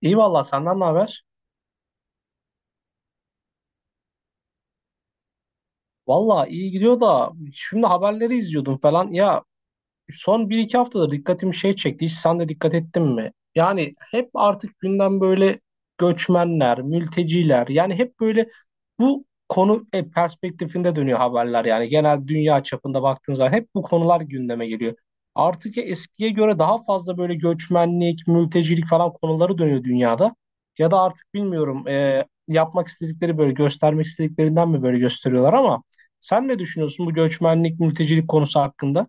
İyi valla senden ne haber? Valla iyi gidiyor da şimdi haberleri izliyordum falan. Ya son bir iki haftada dikkatimi çekti. Hiç sen de dikkat ettin mi? Yani hep artık gündem böyle göçmenler, mülteciler, yani hep böyle bu konu perspektifinde dönüyor haberler, yani genel dünya çapında baktığın zaman hep bu konular gündeme geliyor. Artık eskiye göre daha fazla böyle göçmenlik, mültecilik falan konuları dönüyor dünyada. Ya da artık bilmiyorum, yapmak istedikleri böyle göstermek istediklerinden mi böyle gösteriyorlar, ama sen ne düşünüyorsun bu göçmenlik, mültecilik konusu hakkında?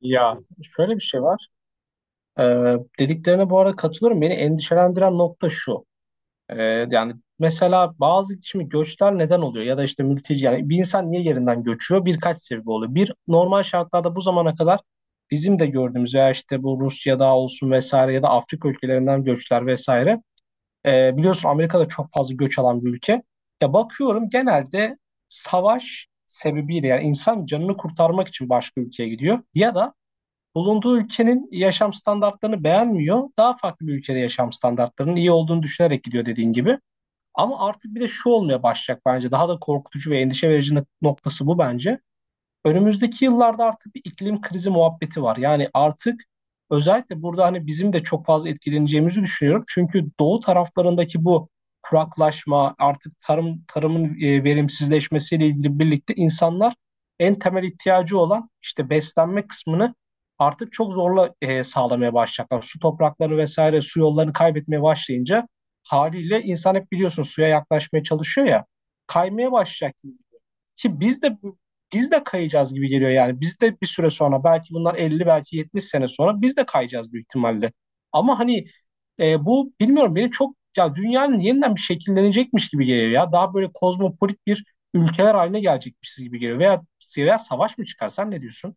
Ya şöyle bir şey var. Dediklerine bu arada katılıyorum. Beni endişelendiren nokta şu. Ee, yani Mesela bazı şimdi göçler neden oluyor? Ya da işte mülteci, yani bir insan niye yerinden göçüyor? Birkaç sebebi oluyor. Bir, normal şartlarda bu zamana kadar bizim de gördüğümüz ya işte bu Rusya'da olsun vesaire, ya da Afrika ülkelerinden göçler vesaire. Biliyorsun Amerika'da çok fazla göç alan bir ülke. Ya bakıyorum genelde savaş sebebiyle, yani insan canını kurtarmak için başka ülkeye gidiyor. Ya da bulunduğu ülkenin yaşam standartlarını beğenmiyor. Daha farklı bir ülkede yaşam standartlarının iyi olduğunu düşünerek gidiyor dediğin gibi. Ama artık bir de şu olmaya başlayacak bence. Daha da korkutucu ve endişe verici noktası bu bence. Önümüzdeki yıllarda artık bir iklim krizi muhabbeti var. Yani artık özellikle burada hani bizim de çok fazla etkileneceğimizi düşünüyorum. Çünkü doğu taraflarındaki bu kuraklaşma, artık tarımın verimsizleşmesiyle ilgili birlikte insanlar en temel ihtiyacı olan işte beslenme kısmını artık çok zorla sağlamaya başlayacaklar. Su toprakları vesaire, su yollarını kaybetmeye başlayınca haliyle insan, hep biliyorsun, suya yaklaşmaya çalışıyor ya, kaymaya başlayacak. Ki biz de biz de kayacağız gibi geliyor yani. Biz de bir süre sonra, belki bunlar 50, belki 70 sene sonra biz de kayacağız büyük ihtimalle. Ama hani bu, bilmiyorum, beni çok, ya dünyanın yeniden bir şekillenecekmiş gibi geliyor ya. Daha böyle kozmopolit bir ülkeler haline gelecekmişiz gibi geliyor. Veya savaş mı çıkarsan ne diyorsun?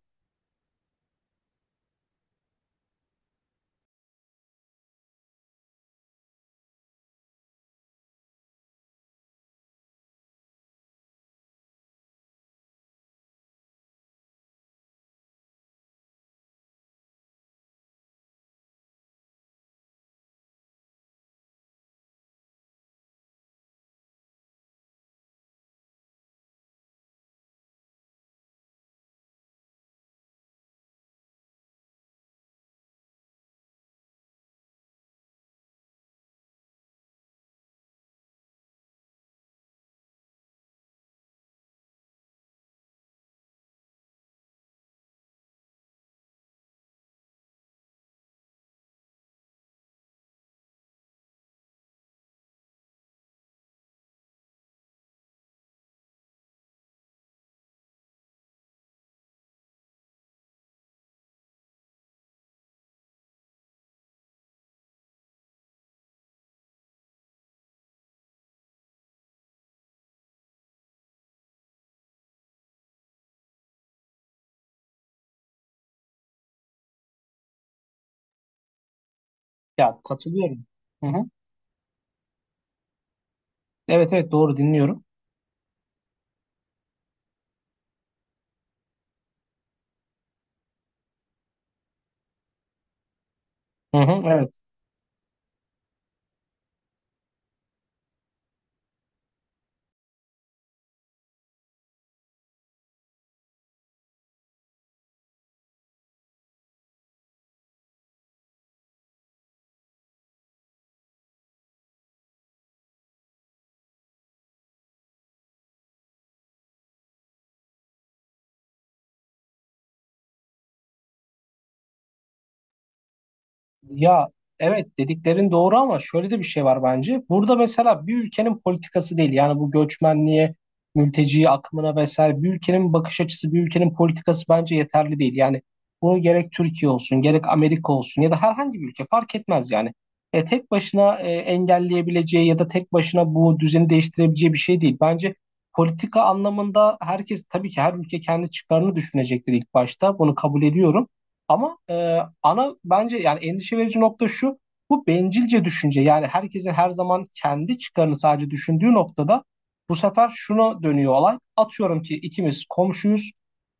Ya katılıyorum. Hı hı. Evet, evet, doğru, dinliyorum. Hı hı, evet. Ya evet, dediklerin doğru ama şöyle de bir şey var bence. Burada mesela bir ülkenin politikası değil, yani bu göçmenliğe, mülteci akımına vesaire bir ülkenin bakış açısı, bir ülkenin politikası bence yeterli değil. Yani bunu gerek Türkiye olsun, gerek Amerika olsun, ya da herhangi bir ülke fark etmez yani. Tek başına engelleyebileceği ya da tek başına bu düzeni değiştirebileceği bir şey değil. Bence politika anlamında herkes, tabii ki her ülke kendi çıkarını düşünecektir ilk başta. Bunu kabul ediyorum. Ama ana bence yani endişe verici nokta şu. Bu bencilce düşünce, yani herkesin her zaman kendi çıkarını sadece düşündüğü noktada bu sefer şuna dönüyor olay. Atıyorum ki ikimiz komşuyuz.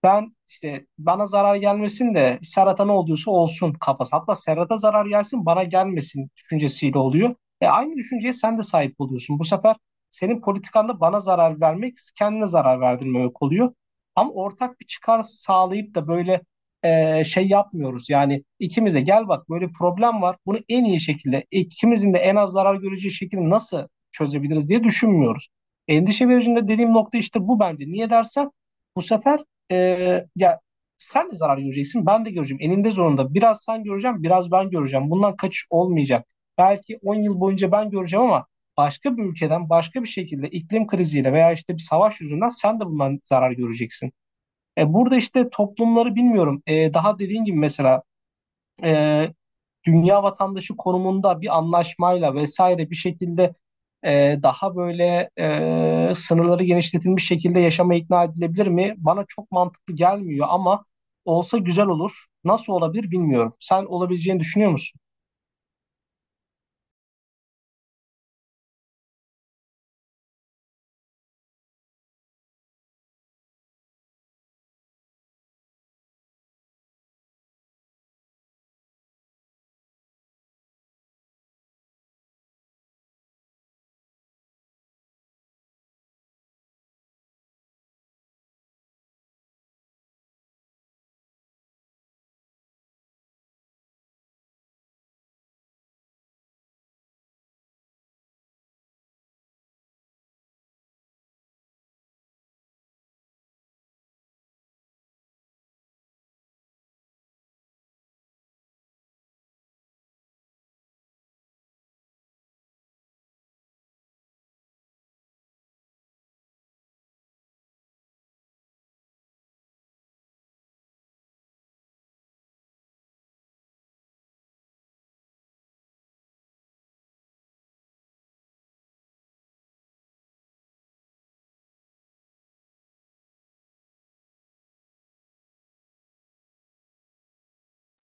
Ben işte bana zarar gelmesin de Serhat'a ne oluyorsa olsun kafası. Hatta Serhat'a zarar gelsin, bana gelmesin düşüncesiyle oluyor. E, aynı düşünceye sen de sahip oluyorsun. Bu sefer senin politikanda bana zarar vermek, kendine zarar verdirmemek oluyor. Ama ortak bir çıkar sağlayıp da böyle şey yapmıyoruz. Yani ikimiz de gel bak böyle problem var. Bunu en iyi şekilde ikimizin de en az zarar göreceği şekilde nasıl çözebiliriz diye düşünmüyoruz. Endişe vericinde dediğim nokta işte bu bence. Niye dersen bu sefer, e, ya sen de zarar göreceksin, ben de göreceğim. Eninde zorunda biraz sen göreceğim, biraz ben göreceğim. Bundan kaçış olmayacak. Belki 10 yıl boyunca ben göreceğim, ama başka bir ülkeden başka bir şekilde iklim kriziyle veya işte bir savaş yüzünden sen de bundan zarar göreceksin. E, burada işte toplumları bilmiyorum. Daha dediğin gibi mesela e, dünya vatandaşı konumunda bir anlaşmayla vesaire bir şekilde, daha böyle sınırları genişletilmiş şekilde yaşama ikna edilebilir mi? Bana çok mantıklı gelmiyor, ama olsa güzel olur. Nasıl olabilir bilmiyorum. Sen olabileceğini düşünüyor musun?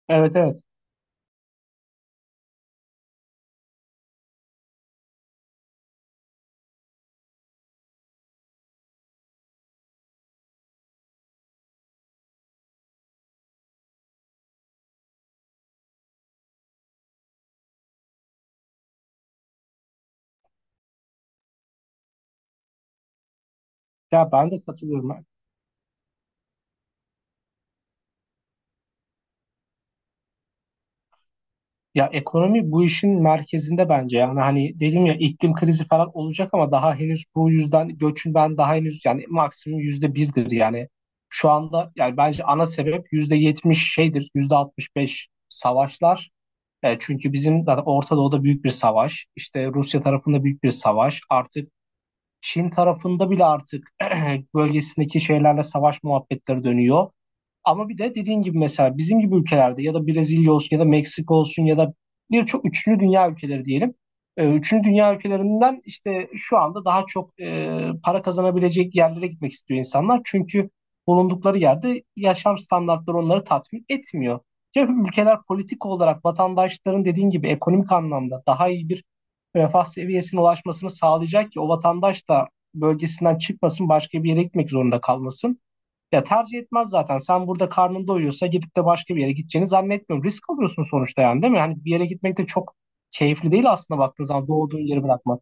Evet, evet. Ya ben de katılıyorum. Ya ekonomi bu işin merkezinde bence, yani hani dedim ya iklim krizi falan olacak ama daha henüz bu yüzden göçün ben daha henüz yani maksimum %1'dir yani şu anda, yani bence ana sebep %70 şeydir, %65 savaşlar. E, çünkü bizim zaten Orta Doğu'da büyük bir savaş, işte Rusya tarafında büyük bir savaş, artık Çin tarafında bile artık bölgesindeki şeylerle savaş muhabbetleri dönüyor. Ama bir de dediğin gibi mesela bizim gibi ülkelerde ya da Brezilya olsun ya da Meksika olsun ya da birçok üçüncü dünya ülkeleri diyelim. Üçüncü dünya ülkelerinden işte şu anda daha çok para kazanabilecek yerlere gitmek istiyor insanlar. Çünkü bulundukları yerde yaşam standartları onları tatmin etmiyor. Ya ülkeler politik olarak vatandaşların dediğin gibi ekonomik anlamda daha iyi bir refah seviyesine ulaşmasını sağlayacak ki o vatandaş da bölgesinden çıkmasın, başka bir yere gitmek zorunda kalmasın. Ya tercih etmez zaten. Sen burada karnın doyuyorsa gidip de başka bir yere gideceğini zannetmiyorum. Risk alıyorsun sonuçta, yani değil mi? Hani bir yere gitmek de çok keyifli değil aslında, baktığın zaman doğduğun yeri bırakmak.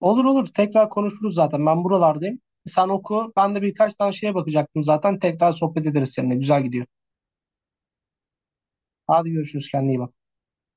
Olur, olur, tekrar konuşuruz zaten. Ben buralardayım. Sen oku. Ben de birkaç tane şeye bakacaktım zaten. Tekrar sohbet ederiz seninle. Güzel gidiyor. Hadi görüşürüz. Kendine iyi bak.